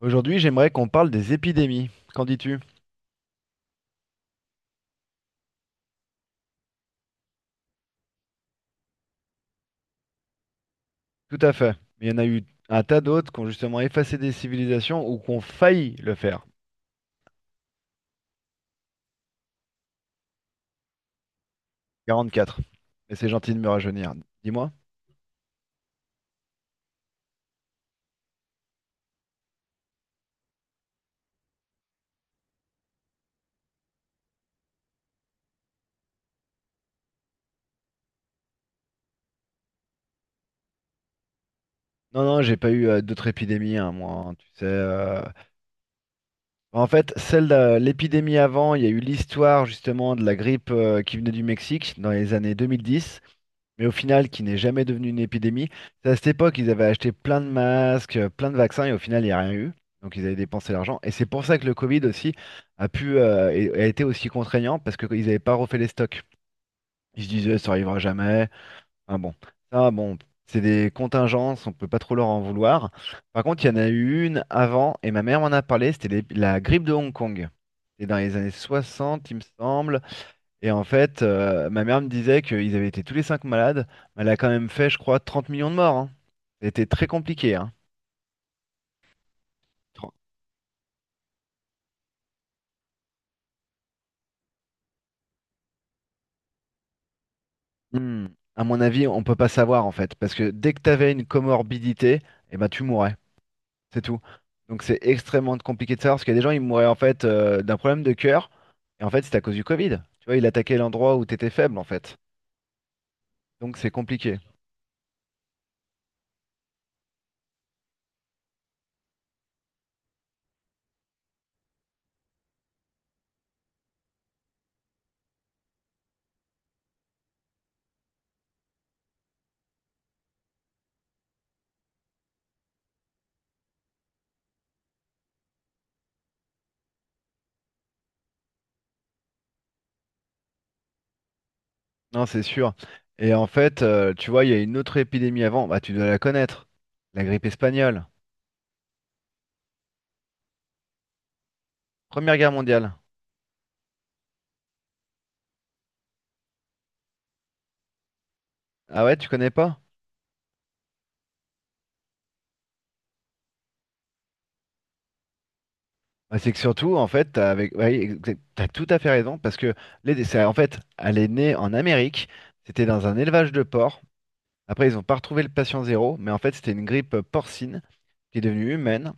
Aujourd'hui, j'aimerais qu'on parle des épidémies. Qu'en dis-tu? Tout à fait. Mais il y en a eu un tas d'autres qui ont justement effacé des civilisations ou qui ont failli le faire. 44. Et c'est gentil de me rajeunir. Dis-moi. Non, non, j'ai pas eu d'autres épidémies, hein, moi. Hein, tu sais. En fait, celle de l'épidémie avant, il y a eu l'histoire justement de la grippe qui venait du Mexique dans les années 2010, mais au final qui n'est jamais devenu une épidémie. C'est à cette époque ils avaient acheté plein de masques, plein de vaccins et au final il n'y a rien eu. Donc ils avaient dépensé l'argent. Et c'est pour ça que le Covid aussi a pu a été aussi contraignant parce qu'ils n'avaient pas refait les stocks. Ils se disaient ça arrivera jamais. Ah bon, ça bon, c'est des contingences, on peut pas trop leur en vouloir. Par contre, il y en a eu une avant et ma mère m'en a parlé, c'était la grippe de Hong Kong. C'était dans les années 60, il me semble. Et en fait, ma mère me disait qu'ils avaient été tous les cinq malades, mais elle a quand même fait, je crois, 30 millions de morts. Hein. Ça très compliqué. Hein. Tro- Hmm. À mon avis, on peut pas savoir en fait, parce que dès que tu avais une comorbidité, eh ben, tu mourais, c'est tout. Donc c'est extrêmement compliqué de savoir, parce qu'il y a des gens, ils mouraient en fait d'un problème de cœur, et en fait c'était à cause du Covid. Tu vois, il attaquait l'endroit où tu étais faible en fait. Donc c'est compliqué. Non, c'est sûr. Et en fait, tu vois, il y a une autre épidémie avant, bah tu dois la connaître, la grippe espagnole. Première guerre mondiale. Ah ouais, tu connais pas? Ah, c'est que surtout, en fait, t'as avec... ouais, t'as tout à fait raison, parce que en fait, elle est née en Amérique, c'était dans un élevage de porcs. Après, ils n'ont pas retrouvé le patient zéro, mais en fait, c'était une grippe porcine qui est devenue humaine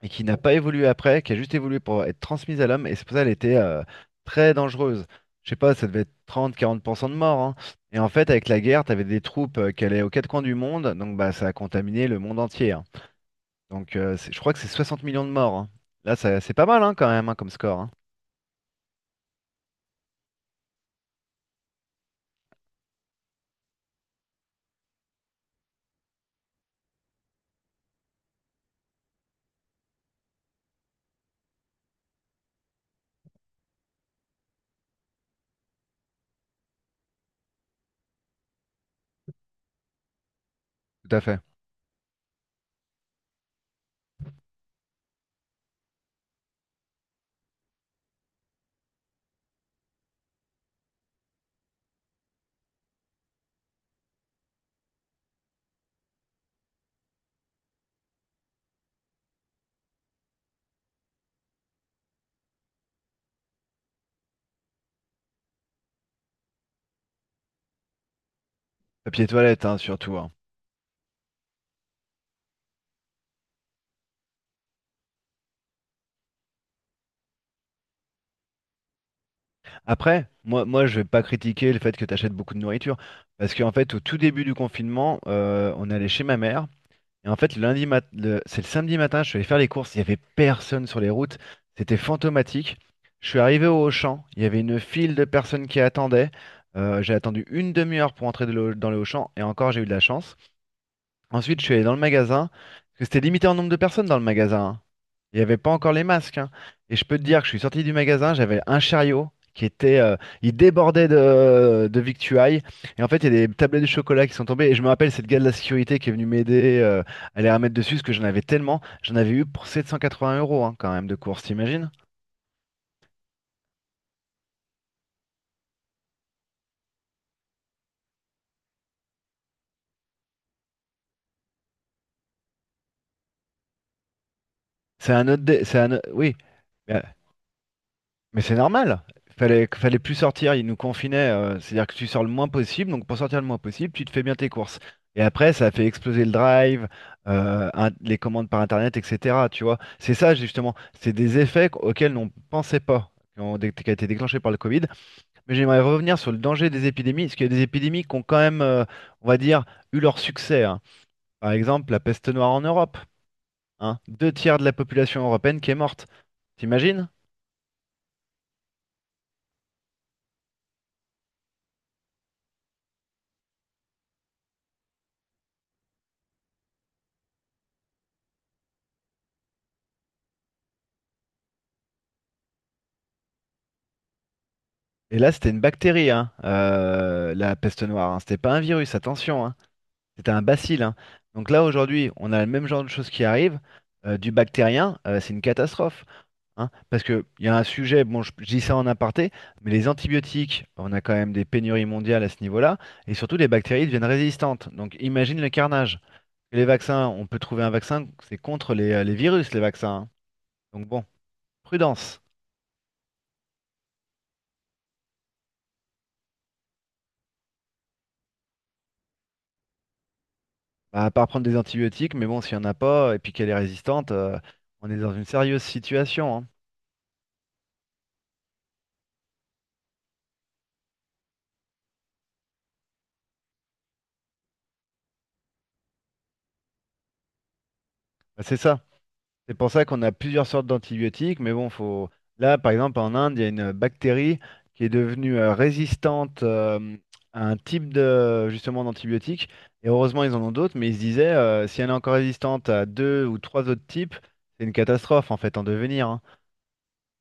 et qui n'a pas évolué après, qui a juste évolué pour être transmise à l'homme, et c'est pour ça qu'elle était très dangereuse. Je sais pas, ça devait être 30-40% de morts. Hein. Et en fait, avec la guerre, t'avais des troupes qui allaient aux quatre coins du monde, donc bah, ça a contaminé le monde entier. Hein. Donc je crois que c'est 60 millions de morts. Hein. Là, c'est pas mal hein, quand même hein, comme score. Hein. Tout à fait. Papier toilette, hein, surtout. Hein. Après, moi, je vais pas critiquer le fait que tu achètes beaucoup de nourriture. Parce qu'en fait, au tout début du confinement, on allait chez ma mère. Et en fait, le lundi mat- le- c'est le samedi matin, je suis allé faire les courses. Il y avait personne sur les routes. C'était fantomatique. Je suis arrivé au Auchan. Il y avait une file de personnes qui attendaient. J'ai attendu une demi-heure pour entrer dans le Auchan. Et encore, j'ai eu de la chance. Ensuite, je suis allé dans le magasin, parce que c'était limité en nombre de personnes dans le magasin. Hein. Il n'y avait pas encore les masques. Hein. Et je peux te dire que je suis sorti du magasin, j'avais un chariot qui était... il débordait de victuailles. Et en fait, il y a des tablettes de chocolat qui sont tombées. Et je me rappelle cette gars de la sécurité qui est venue m'aider à les remettre dessus, parce que j'en avais tellement. J'en avais eu pour 780 € hein, quand même de course, t'imagines? C'est un autre... dé- C'est un... o- Oui. Bah, mais c'est normal. Fallait plus sortir, ils nous confinaient. C'est-à-dire que tu sors le moins possible. Donc pour sortir le moins possible, tu te fais bien tes courses. Et après, ça a fait exploser le drive, les commandes par Internet, etc. Tu vois, c'est ça justement. C'est des effets auxquels on ne pensait pas, qui ont, qui a été déclenché par le Covid. Mais j'aimerais revenir sur le danger des épidémies, parce qu'il y a des épidémies qui ont quand même, on va dire, eu leur succès. Hein. Par exemple, la peste noire en Europe. Hein. Deux tiers de la population européenne qui est morte. T'imagines? Et là, c'était une bactérie, hein, la peste noire. Hein. C'était pas un virus, attention, hein. C'était un bacille. Hein. Donc là, aujourd'hui, on a le même genre de choses qui arrivent. Du bactérien, c'est une catastrophe. Hein. Parce qu'il y a un sujet, bon, je dis ça en aparté, mais les antibiotiques, on a quand même des pénuries mondiales à ce niveau-là. Et surtout, les bactéries deviennent résistantes. Donc imagine le carnage. Les vaccins, on peut trouver un vaccin, c'est contre les virus, les vaccins. Hein. Donc bon, prudence. Bah, à part prendre des antibiotiques, mais bon, s'il n'y en a pas, et puis qu'elle est résistante, on est dans une sérieuse situation, hein. Bah, c'est ça. C'est pour ça qu'on a plusieurs sortes d'antibiotiques, mais bon, faut... Là, par exemple, en Inde, il y a une bactérie qui est devenue résistante à un type de, justement, d'antibiotique. Et heureusement, ils en ont d'autres, mais ils se disaient, si elle est encore résistante à deux ou trois autres types, c'est une catastrophe, en fait, en devenir, hein.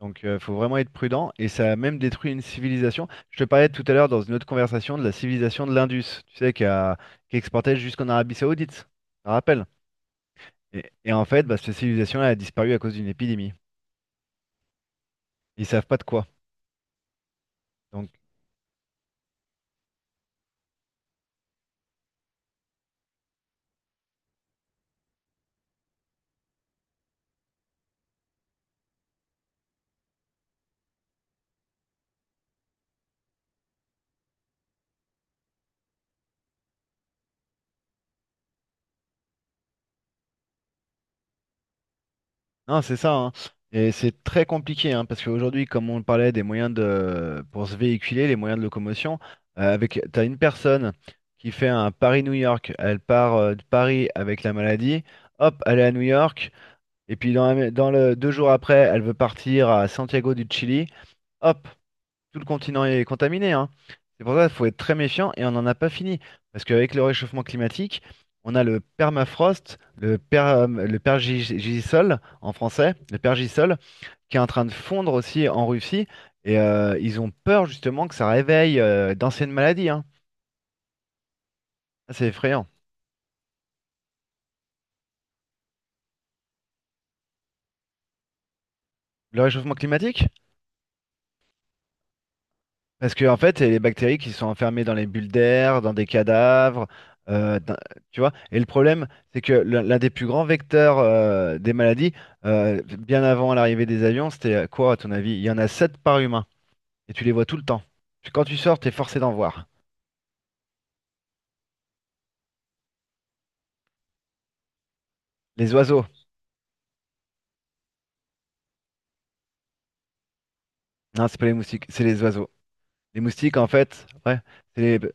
Donc, il faut vraiment être prudent. Et ça a même détruit une civilisation. Je te parlais tout à l'heure dans une autre conversation de la civilisation de l'Indus, tu sais, qui exportait jusqu'en Arabie Saoudite. Je me rappelle. Et en fait, bah, cette civilisation là a disparu à cause d'une épidémie. Ils savent pas de quoi. Donc, non, c'est ça. Hein. Et c'est très compliqué, hein, parce qu'aujourd'hui, comme on parlait des moyens de, pour se véhiculer, les moyens de locomotion, avec, t'as une personne qui fait un Paris-New York, elle part de Paris avec la maladie, hop, elle est à New York. Et puis dans le 2 jours après, elle veut partir à Santiago du Chili. Hop, tout le continent est contaminé, hein. C'est pour ça qu'il faut être très méfiant et on n'en a pas fini. Parce qu'avec le réchauffement climatique, on a le permafrost, le pergisol en français, le pergisol, qui est en train de fondre aussi en Russie. Et ils ont peur justement que ça réveille d'anciennes maladies, hein. Ça, c'est effrayant. Le réchauffement climatique? Parce que en fait, c'est les bactéries qui sont enfermées dans les bulles d'air, dans des cadavres, euh, dans- tu vois. Et le problème, c'est que l'un des plus grands vecteurs des maladies, bien avant l'arrivée des avions, c'était quoi à ton avis? Il y en a 7 par humain, et tu les vois tout le temps. Puis quand tu sors, t'es forcé d'en voir. Les oiseaux. Non, c'est pas les moustiques, c'est les oiseaux. Les moustiques, en fait, ouais, c'est les,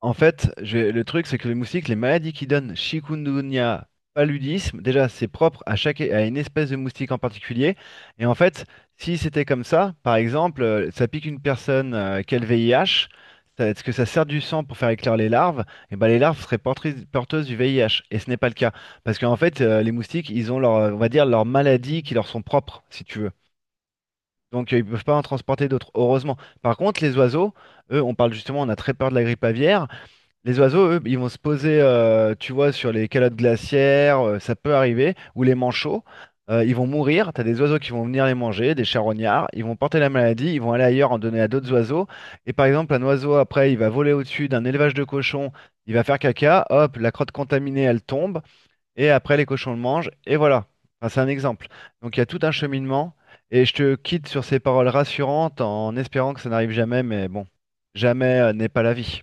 en fait, le truc, c'est que les moustiques, les maladies qu'ils donnent, chikungunya, paludisme, déjà, c'est propre à chaque, à une espèce de moustique en particulier. Et en fait, si c'était comme ça, par exemple, ça pique une personne qui a le VIH, ça- est-ce que ça sert du sang pour faire éclore les larves? Et ben, les larves seraient porteuses du VIH. Et ce n'est pas le cas. Parce qu'en fait, les moustiques, ils ont leur, on va dire, leurs maladies qui leur sont propres, si tu veux. Donc, ils ne peuvent pas en transporter d'autres, heureusement. Par contre, les oiseaux, eux, on parle justement, on a très peur de la grippe aviaire. Les oiseaux, eux, ils vont se poser, tu vois, sur les calottes glaciaires, ça peut arriver, ou les manchots, ils vont mourir, t'as des oiseaux qui vont venir les manger, des charognards, ils vont porter la maladie, ils vont aller ailleurs en donner à d'autres oiseaux, et par exemple, un oiseau, après, il va voler au-dessus d'un élevage de cochons, il va faire caca, hop, la crotte contaminée, elle tombe, et après, les cochons le mangent, et voilà. Enfin, c'est un exemple. Donc, il y a tout un cheminement, et je te quitte sur ces paroles rassurantes en espérant que ça n'arrive jamais, mais bon, jamais, n'est pas la vie.